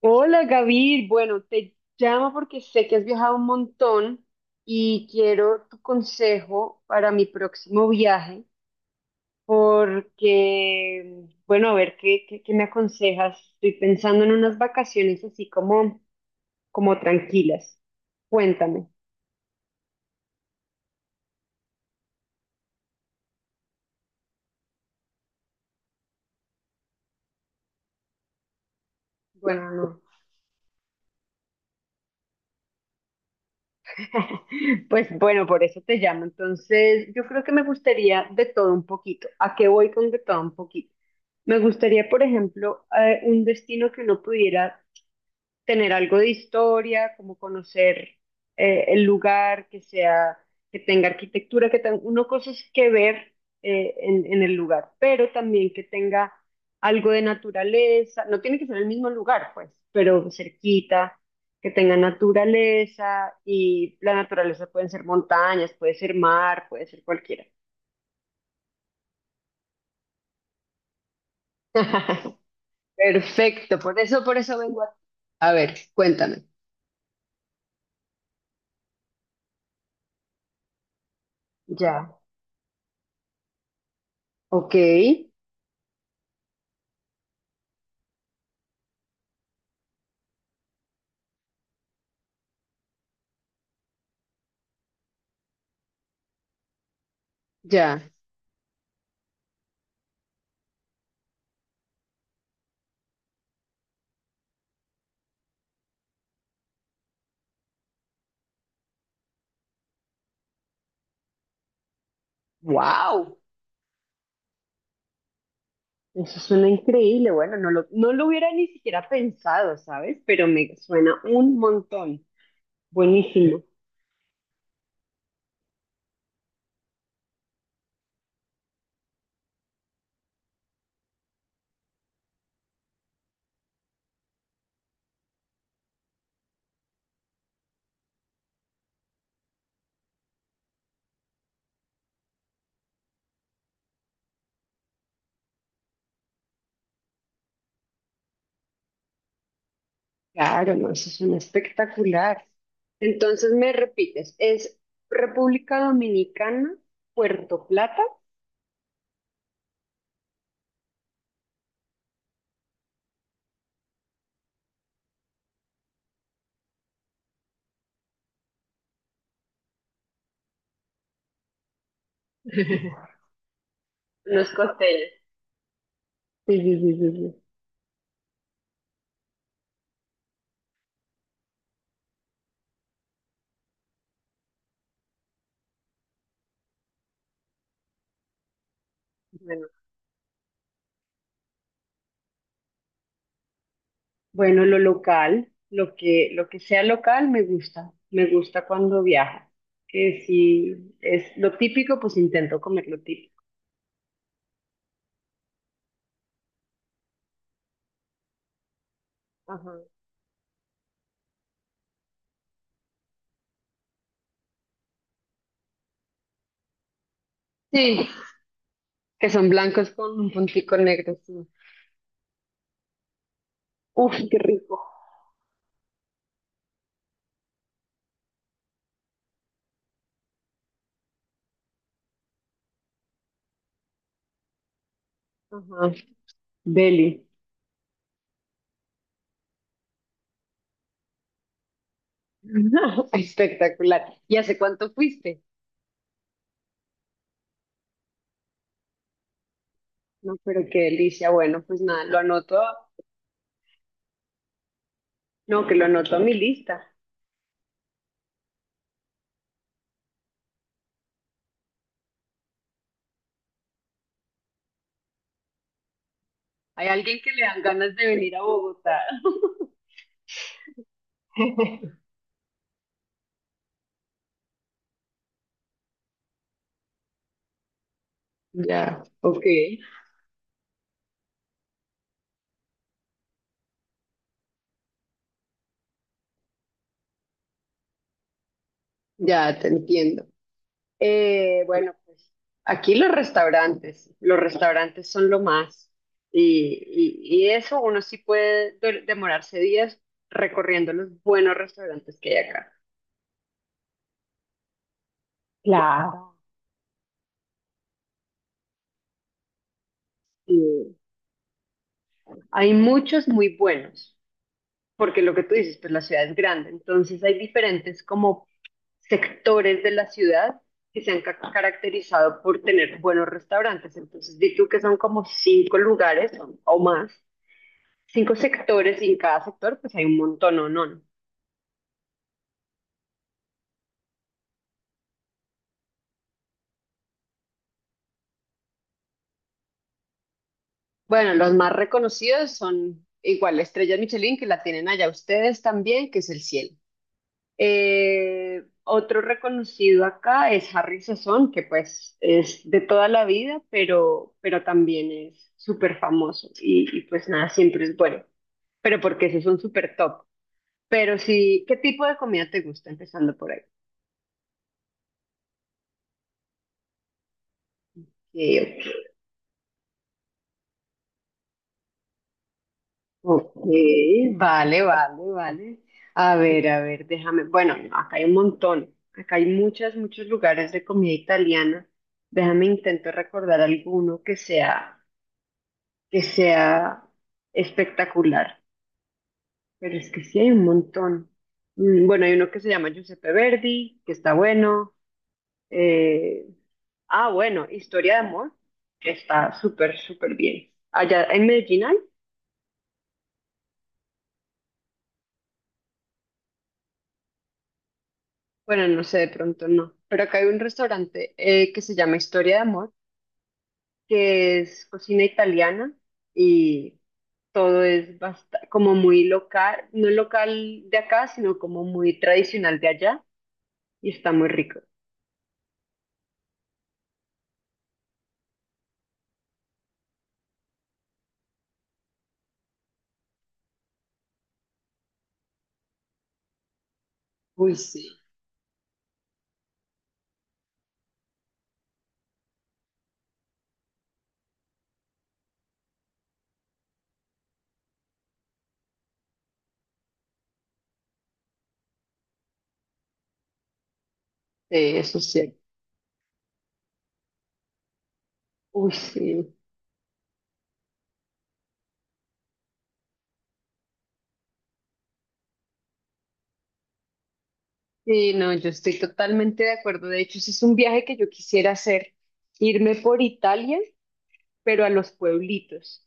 Hola Gaby, bueno, te llamo porque sé que has viajado un montón y quiero tu consejo para mi próximo viaje, porque, bueno, a ver, ¿qué me aconsejas? Estoy pensando en unas vacaciones así como, como tranquilas. Cuéntame. Bueno, no. Pues bueno, por eso te llamo. Entonces, yo creo que me gustaría de todo un poquito. ¿A qué voy con de todo un poquito? Me gustaría, por ejemplo, un destino que uno pudiera tener algo de historia, como conocer el lugar, que sea, que tenga arquitectura, que tenga uno cosas que ver en el lugar, pero también que tenga algo de naturaleza, no tiene que ser el mismo lugar, pues, pero cerquita, que tenga naturaleza y la naturaleza pueden ser montañas, puede ser mar, puede ser cualquiera. Perfecto, por eso vengo a... A ver, cuéntame. Ya, ok, ya. Wow. Eso suena increíble. Bueno, no lo hubiera ni siquiera pensado, ¿sabes? Pero me suena un montón. Buenísimo. Claro, no, eso suena espectacular. Entonces me repites, es República Dominicana, Puerto Plata, los costeles. Sí, sí, sí, sí, sí. Bueno, bueno, lo local, lo que sea local me gusta. Me gusta cuando viajo. Que si es lo típico, pues intento comer lo típico. Ajá. Sí, que son blancos con un puntico negro. Sí. Uf, qué rico. Ajá. Deli. Espectacular. ¿Y hace cuánto fuiste? No, pero qué delicia. Bueno, pues nada, lo anoto. No, que lo anoto a mi lista. Hay alguien que le dan ganas de venir a Bogotá. Ya, ok, ya te entiendo. Bueno, pues aquí los restaurantes son lo más. Y eso uno sí puede demorarse días recorriendo los buenos restaurantes que hay acá. Claro. Y hay muchos muy buenos, porque lo que tú dices, pues la ciudad es grande, entonces hay diferentes como sectores de la ciudad que se han caracterizado por tener buenos restaurantes. Entonces, di tú que son como cinco lugares o más cinco sectores y en cada sector pues hay un montón, ¿o no? Bueno, los más reconocidos son igual la estrella Michelin, que la tienen allá ustedes también, que es el cielo. Otro reconocido acá es Harry Sazón, que pues es de toda la vida, pero también es súper famoso y pues nada, siempre es bueno, pero porque esos son súper top. Pero sí, ¿qué tipo de comida te gusta empezando por ahí? Eh, Ok, vale. A ver, déjame. Bueno, no, acá hay un montón. Acá hay muchos, muchos lugares de comida italiana. Déjame intento recordar alguno que sea espectacular. Pero es que sí hay un montón. Bueno, hay uno que se llama Giuseppe Verdi, que está bueno. Eh, bueno, Historia de Amor, que está súper, súper bien. Allá en Medellín hay. Bueno, no sé, de pronto no. Pero acá hay un restaurante que se llama Historia de Amor, que es cocina italiana y todo es como muy local, no local de acá, sino como muy tradicional de allá y está muy rico. Uy, sí. Sí, eso sí. Uy, sí. Sí, no, yo estoy totalmente de acuerdo. De hecho, ese es un viaje que yo quisiera hacer, irme por Italia, pero a los pueblitos,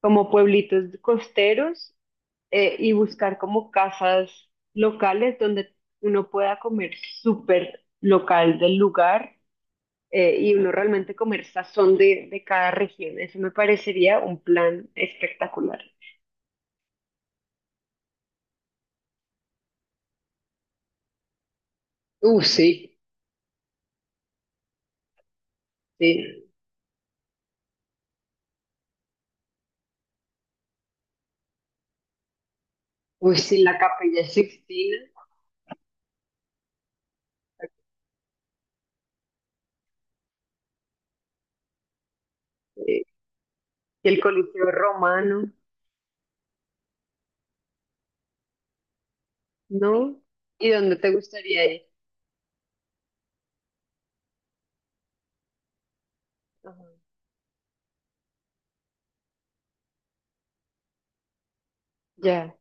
como pueblitos costeros y buscar como casas locales donde uno pueda comer súper local del lugar y uno realmente comer sazón de cada región. Eso me parecería un plan espectacular. Sí, sí. Uy, sí, la Capilla Sixtina eh, y el Coliseo Romano, ¿no? ¿Y dónde te gustaría ir? Ajá. Ya,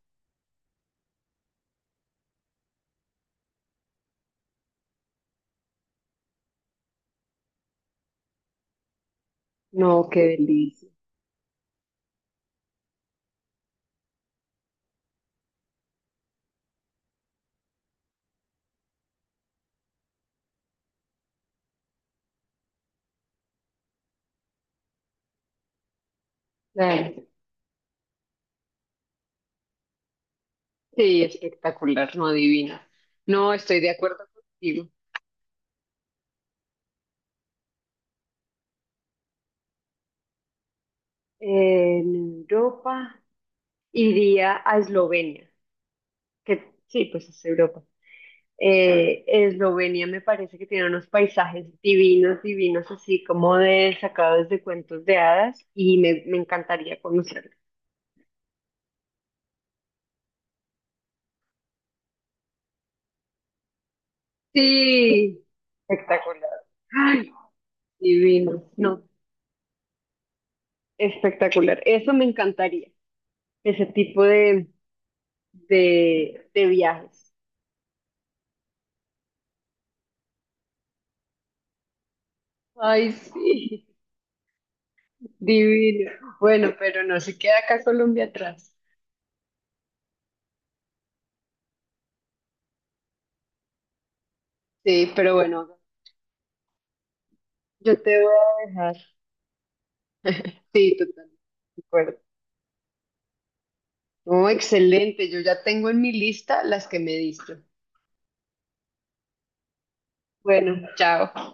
no, qué delicia. Claro. Sí, espectacular, no adivina. No, estoy de acuerdo contigo. En Europa iría a Eslovenia, que sí, pues es Europa. Eslovenia me parece que tiene unos paisajes divinos, divinos, así como de sacados de cuentos de hadas, y me encantaría conocerlo. Sí, espectacular. Ay, divino. No, espectacular. Eso me encantaría, ese tipo de viajes. Ay, sí, divino. Bueno, pero no se queda acá Colombia atrás. Sí, pero bueno, yo te voy a dejar. Sí, totalmente de acuerdo. No, excelente. Yo ya tengo en mi lista las que me diste. Bueno, chao.